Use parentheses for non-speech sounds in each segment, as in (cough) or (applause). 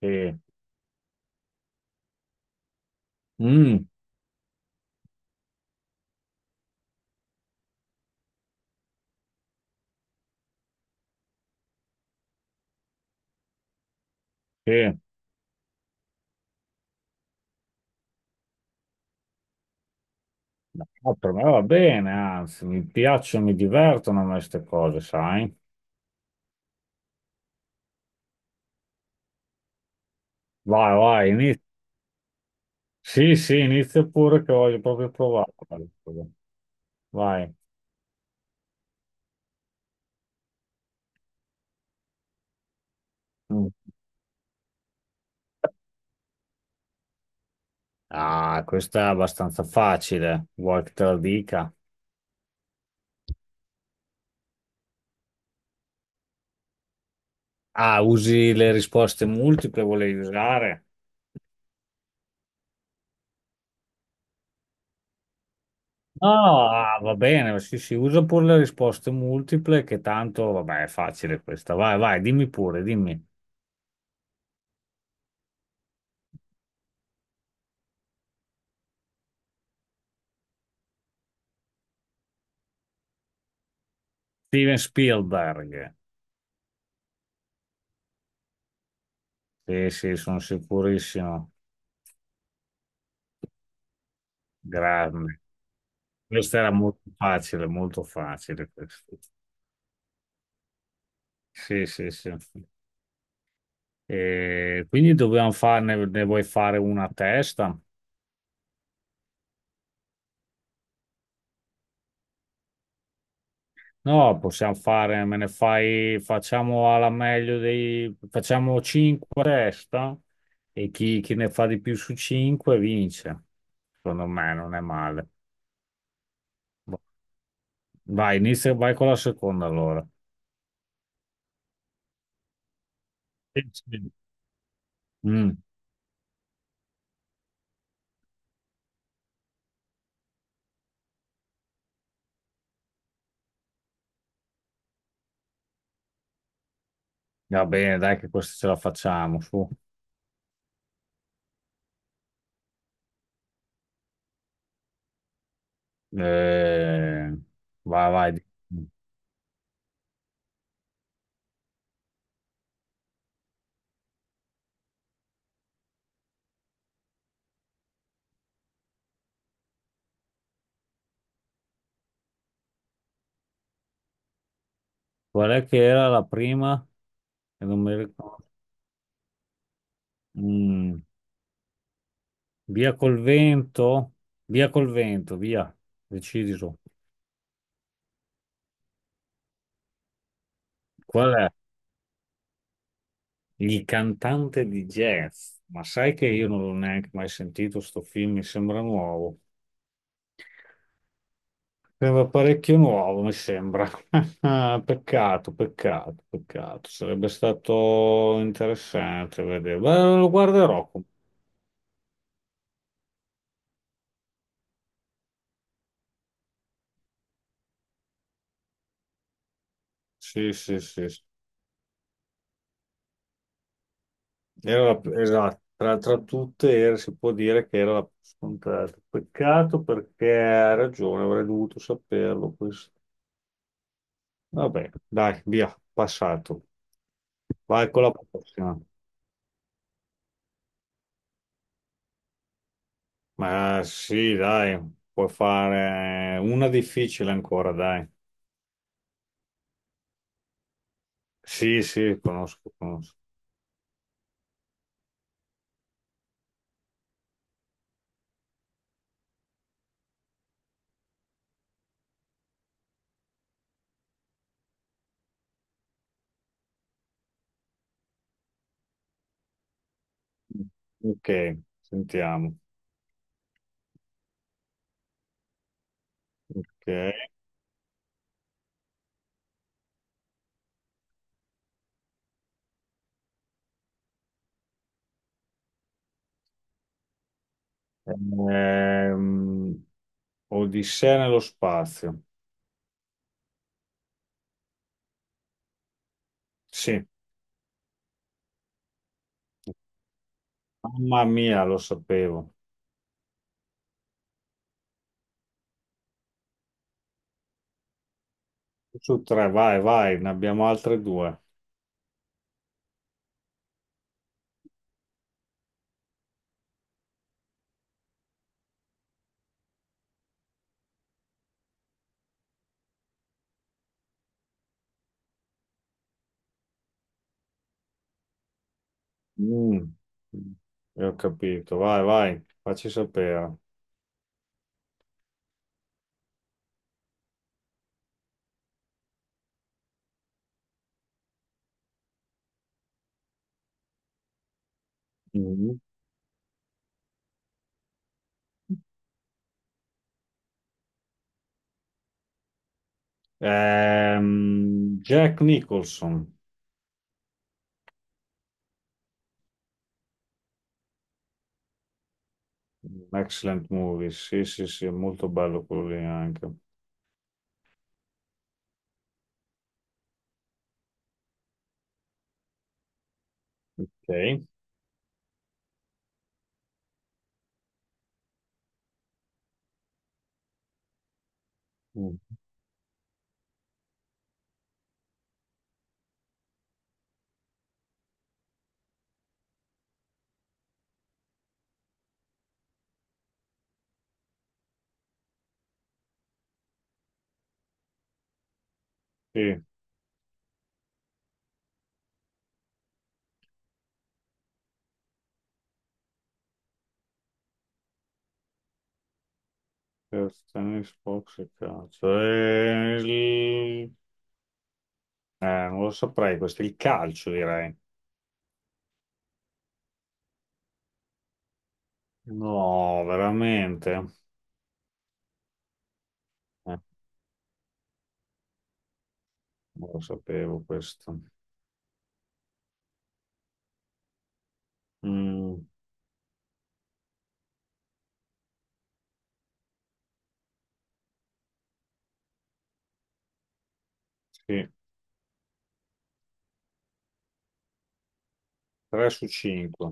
Sì. Mm, sì. No, per me va bene, anzi, mi piacciono, mi divertono a me queste cose, sai? Vai, vai, inizia. Sì, sì, inizia pure che voglio proprio provare. Vai. Mm. Ah, questa è abbastanza facile, vuoi che te la dica? Ah, usi le risposte multiple, volevi usare? No, va bene, sì, sì, usa pure le risposte multiple, che tanto, vabbè, è facile questa. Vai, vai, dimmi pure, dimmi. Steven Spielberg. Sì, sì, sono sicurissimo. Grande. Questa era molto facile questa. Sì, sì, sì. E quindi dobbiamo farne, ne vuoi fare una a testa? No, possiamo fare, me ne fai, facciamo alla meglio dei, facciamo 5 a testa e chi, chi ne fa di più su 5 vince. Secondo me non è male. Vai, inizia, vai con la seconda allora. Sì, sì. Mm, Va bene, dai che questa ce la facciamo, su. Eh, Vai, vai. Qual è che era la prima? Che non mi ricordo. Mm, via col vento? Via col vento, via. Decidi tu. Qual è? Il cantante di jazz. Ma sai che io non l'ho neanche mai sentito sto film, mi sembra nuovo. Sembra parecchio nuovo, mi sembra. (laughs) Peccato, peccato, peccato. Sarebbe stato interessante vedere. Beh, lo guarderò. Sì, sì, sì, sì. Esatto, tra tutte si può dire che era la più scontata. Peccato perché ha ragione, avrei dovuto saperlo questo. Vabbè, dai, via, passato. Vai con la prossima. Ma sì, dai, puoi fare una difficile ancora, dai. Sì, sì, conosco, conosco. Ok, sentiamo. Ok. Ehm, Odissea nello spazio. Sì, mamma mia, lo sapevo. Su tre, vai, vai, ne abbiamo altre due. Mm, io ho capito, vai, vai, facci sapere. Mm. Jack Nicholson, excellent movie, sì, sì, sì, è molto bello quello lì anche. Ok. Mm. Sì, per tennis, box e calcio. Non lo saprei, questo è il calcio, direi. No, veramente? Eh, non lo sapevo questo. Mm, sì. 3 su 5.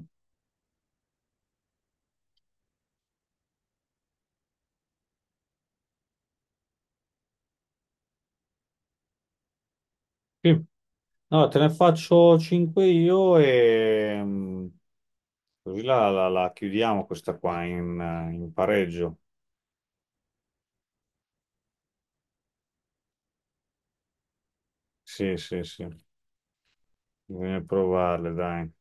Sì. Allora, te ne faccio 5 io e così la chiudiamo questa qua in, in pareggio. Sì, sì, sì. Bisogna provarle, dai.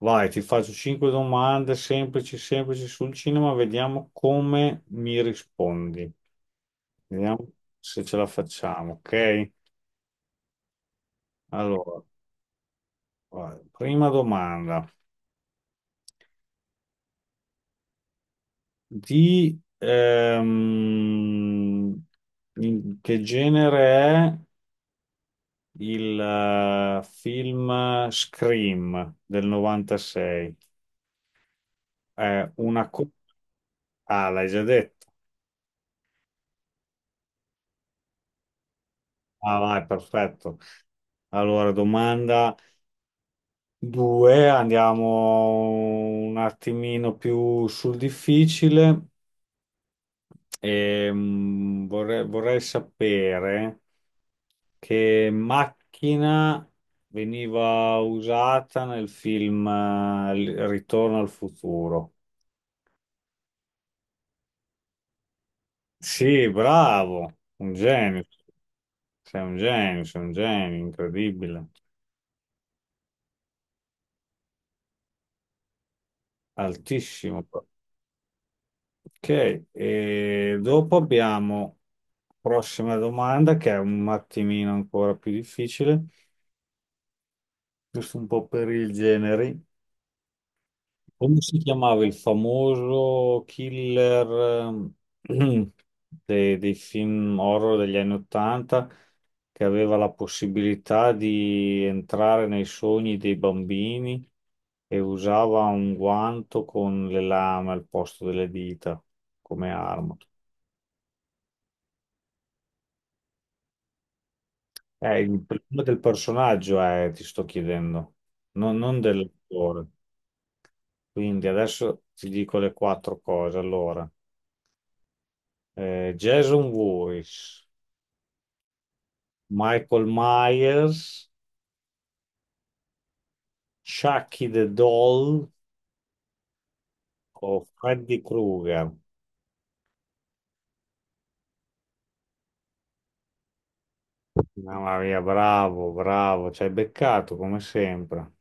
Vai, ti faccio 5 domande semplici, semplici sul cinema, vediamo come mi rispondi. Vediamo se ce la facciamo, ok? Allora, vai. Prima domanda. Di In che genere è? Il film Scream del 96 è una... Ah, l'hai già detto. Ah, vai, perfetto. Allora, domanda 2, andiamo un attimino più sul difficile. Vorrei sapere che macchina veniva usata nel film Ritorno al futuro. Sì, bravo, un genio. Sei un genio, sei un genio, incredibile, altissimo. Ok, e dopo abbiamo prossima domanda che è un attimino ancora più difficile, giusto un po' per il genere. Come si chiamava il famoso killer (clears throat) dei film horror degli anni Ottanta che aveva la possibilità di entrare nei sogni dei bambini e usava un guanto con le lame al posto delle dita come arma? Il problema del personaggio è, ti sto chiedendo, non dell'attore. Quindi adesso ti dico le quattro cose. Allora, Jason Voorhees. Michael Myers, Chucky the Doll o Freddy Krueger. Mamma mia, bravo, bravo, ci hai beccato come sempre.